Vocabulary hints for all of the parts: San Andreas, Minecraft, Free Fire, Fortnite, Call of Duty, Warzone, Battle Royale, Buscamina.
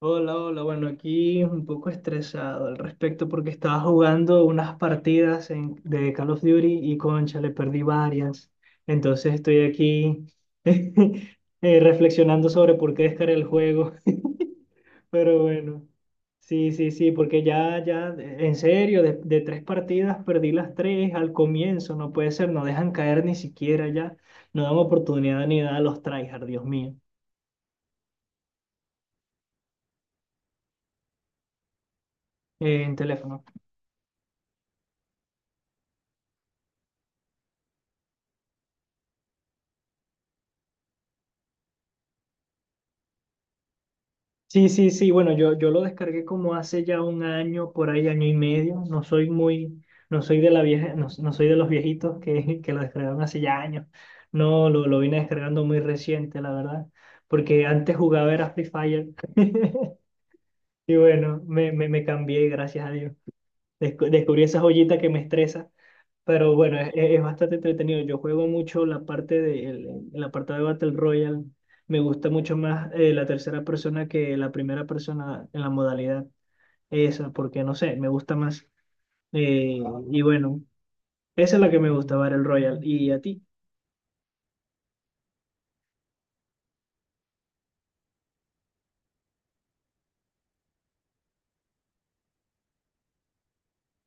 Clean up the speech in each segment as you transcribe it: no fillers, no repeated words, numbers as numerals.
Hola, hola, bueno, aquí un poco estresado al respecto porque estaba jugando unas partidas de Call of Duty y concha, le perdí varias. Entonces estoy aquí reflexionando sobre por qué descargué el juego. Pero bueno, sí, sí, sí, porque ya, ya, en serio, de tres partidas perdí las tres al comienzo, no puede ser, no dejan caer ni siquiera ya, no dan oportunidad ni nada a los tryhard, Dios mío. En teléfono. Sí, sí, sí, bueno, yo lo descargué como hace ya un año, por ahí año y medio. No soy no soy de la vieja, no, no soy de los viejitos que lo descargaron hace ya años. No, lo vine descargando muy reciente, la verdad. Porque antes jugaba era Free Fire. Y bueno, me cambié, gracias a Dios. Descubrí esa joyita que me estresa. Pero bueno, es bastante entretenido. Yo juego mucho la parte de el apartado de Battle Royale. Me gusta mucho más la tercera persona que la primera persona en la modalidad esa, porque no sé, me gusta más. Eh, y bueno, esa es la que me gusta, Battle Royale. ¿Y a ti?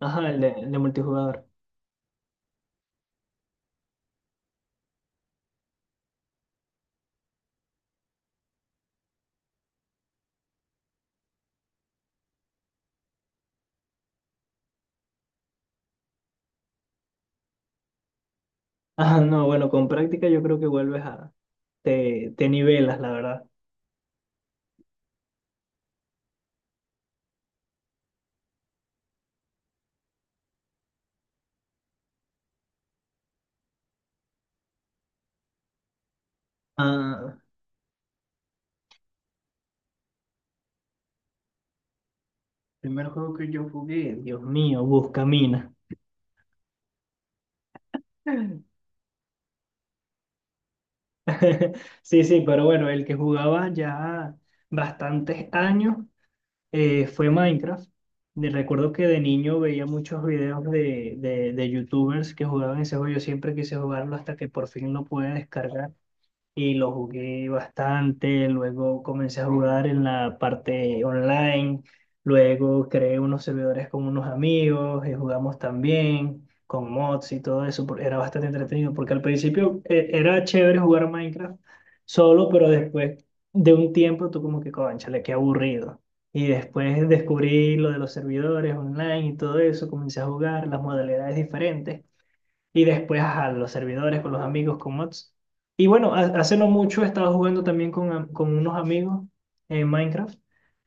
Ajá, el de multijugador. Ajá, no, bueno, con práctica yo creo que vuelves a... Te nivelas, la verdad. Ah, primer juego que yo jugué, Dios mío, Buscamina. Sí, sí, pero bueno, el que jugaba ya bastantes años fue Minecraft. Recuerdo que de niño veía muchos videos de youtubers que jugaban ese juego. Yo siempre quise jugarlo hasta que por fin lo pude descargar y lo jugué bastante, luego comencé a jugar en la parte online, luego creé unos servidores con unos amigos y jugamos también con mods y todo eso, era bastante entretenido porque al principio era chévere jugar Minecraft solo, pero después de un tiempo tú como que, cónchale, qué aburrido. Y después descubrí lo de los servidores online y todo eso, comencé a jugar las modalidades diferentes. Y después a los servidores, con los amigos, con mods. Y bueno, hace no mucho he estado jugando también con unos amigos en Minecraft,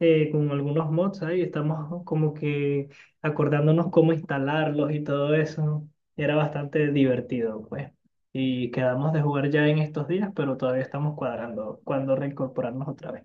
con algunos mods ahí. Estamos como que acordándonos cómo instalarlos y todo eso. Era bastante divertido, pues. Y quedamos de jugar ya en estos días, pero todavía estamos cuadrando cuándo reincorporarnos otra vez.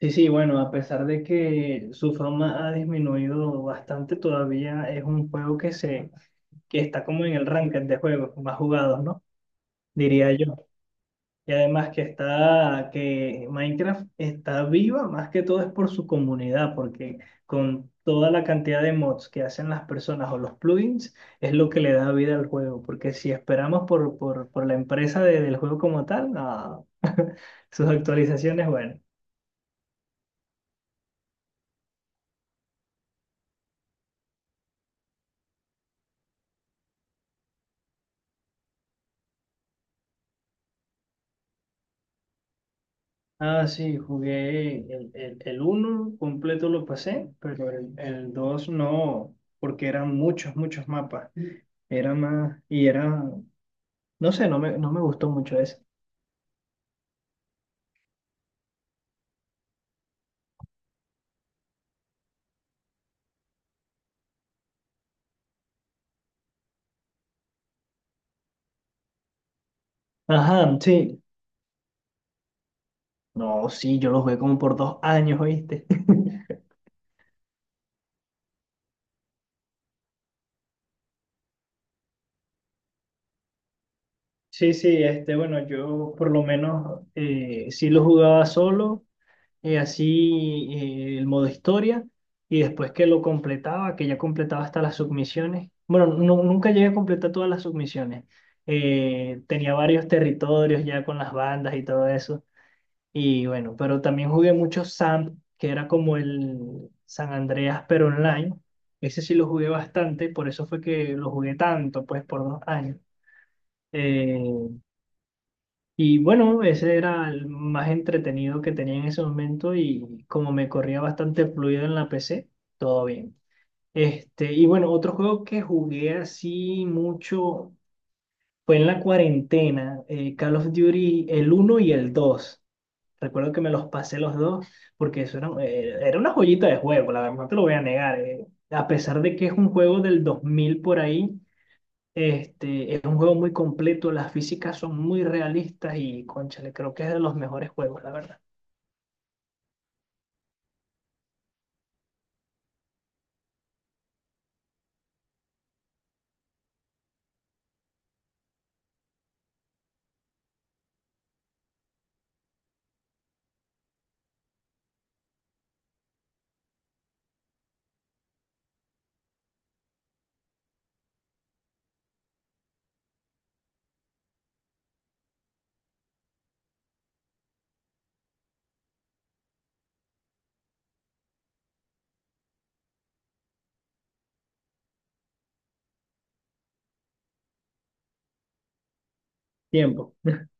Sí, sí, bueno, a pesar de que su fama ha disminuido bastante, todavía es un juego que está como en el ranking de juegos más jugados, ¿no? Diría yo. Y además que está, que Minecraft está viva más que todo es por su comunidad, porque con toda la cantidad de mods que hacen las personas o los plugins, es lo que le da vida al juego, porque si esperamos por la empresa del juego como tal, no. Sus actualizaciones, bueno. Ah, sí, jugué el uno completo lo pasé, pero el 2 no, porque eran muchos, muchos mapas. Era más, y era, no sé, no me gustó mucho eso. Ajá, sí. No, sí, yo lo jugué como por dos años, ¿oíste? Sí, sí, este, bueno, yo por lo menos sí lo jugaba solo, así el modo historia, y después que lo completaba, que ya completaba hasta las submisiones. Bueno, nunca llegué a completar todas las submisiones. Tenía varios territorios ya con las bandas y todo eso. Y bueno, pero también jugué mucho Sam, que era como el San Andreas, pero online. Ese sí lo jugué bastante, por eso fue que lo jugué tanto, pues por dos años. Eh, y bueno, ese era el más entretenido que tenía en ese momento y como me corría bastante fluido en la PC, todo bien. Este, y bueno, otro juego que jugué así mucho fue en la cuarentena, Call of Duty el uno y el dos. Recuerdo que me los pasé los dos porque eso era una joyita de juego, la verdad no te lo voy a negar. A pesar de que es un juego del 2000 por ahí, este, es un juego muy completo, las físicas son muy realistas y, cónchale, creo que es de los mejores juegos, la verdad. Tiempo.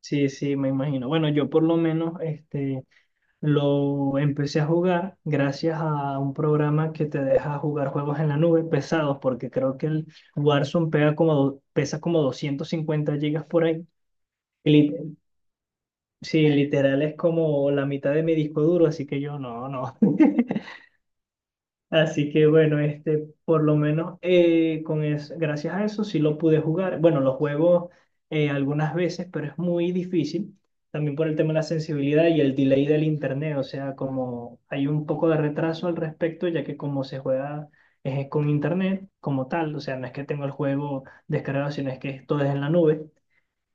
Sí, sí, me imagino. Bueno, yo por lo menos este, lo empecé a jugar gracias a un programa que te deja jugar juegos en la nube pesados, porque creo que el Warzone pesa como 250 gigas por ahí. Y sí, literal es como la mitad de mi disco duro, así que yo no, no. Así que bueno, este, por lo menos gracias a eso sí lo pude jugar. Bueno, lo juego algunas veces, pero es muy difícil. También por el tema de la sensibilidad y el delay del internet, o sea, como hay un poco de retraso al respecto, ya que como se juega con internet como tal, o sea, no es que tengo el juego descargado, sino es que todo es en la nube.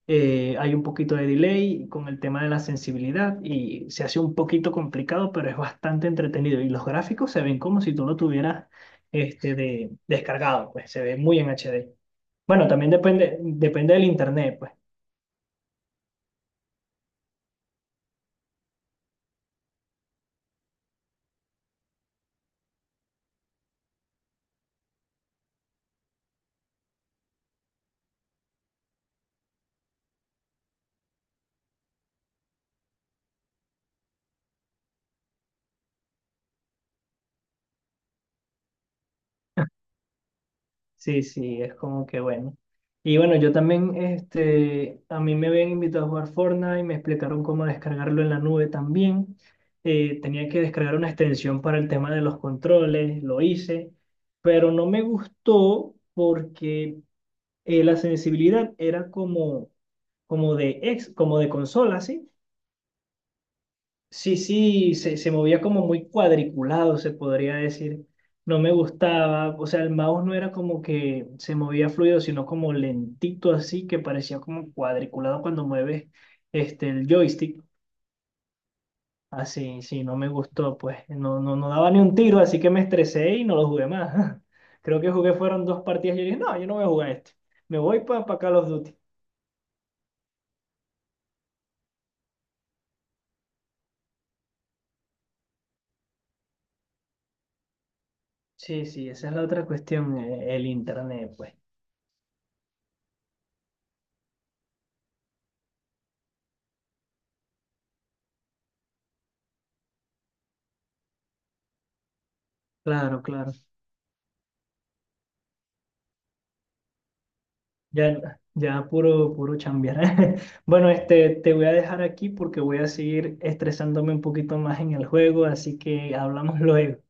Hay un poquito de delay con el tema de la sensibilidad y se hace un poquito complicado, pero es bastante entretenido. Y los gráficos se ven como si tú lo tuvieras descargado, pues se ve muy en HD. Bueno, también depende, depende del internet, pues. Sí, sí, es como que bueno. Y bueno, yo también, este, a mí me habían invitado a jugar Fortnite, me explicaron cómo descargarlo en la nube también. Tenía que descargar una extensión para el tema de los controles, lo hice, pero no me gustó porque la sensibilidad era como de consola, ¿sí? Sí, sí, se movía como muy cuadriculado, se podría decir. No me gustaba, o sea, el mouse no era como que se movía fluido, sino como lentito así, que parecía como cuadriculado cuando mueves el joystick. Así, sí, no me gustó, pues no, no, no daba ni un tiro, así que me estresé y no lo jugué más. Creo que jugué fueron dos partidas y yo dije, no, yo no voy a jugar esto. Me voy para Call of Duty. Sí, sí, esa es la otra cuestión, el internet, pues. Claro, claro. Ya, puro chambear. Bueno, este, te voy a dejar aquí porque voy a seguir estresándome un poquito más en el juego, así que hablamos luego.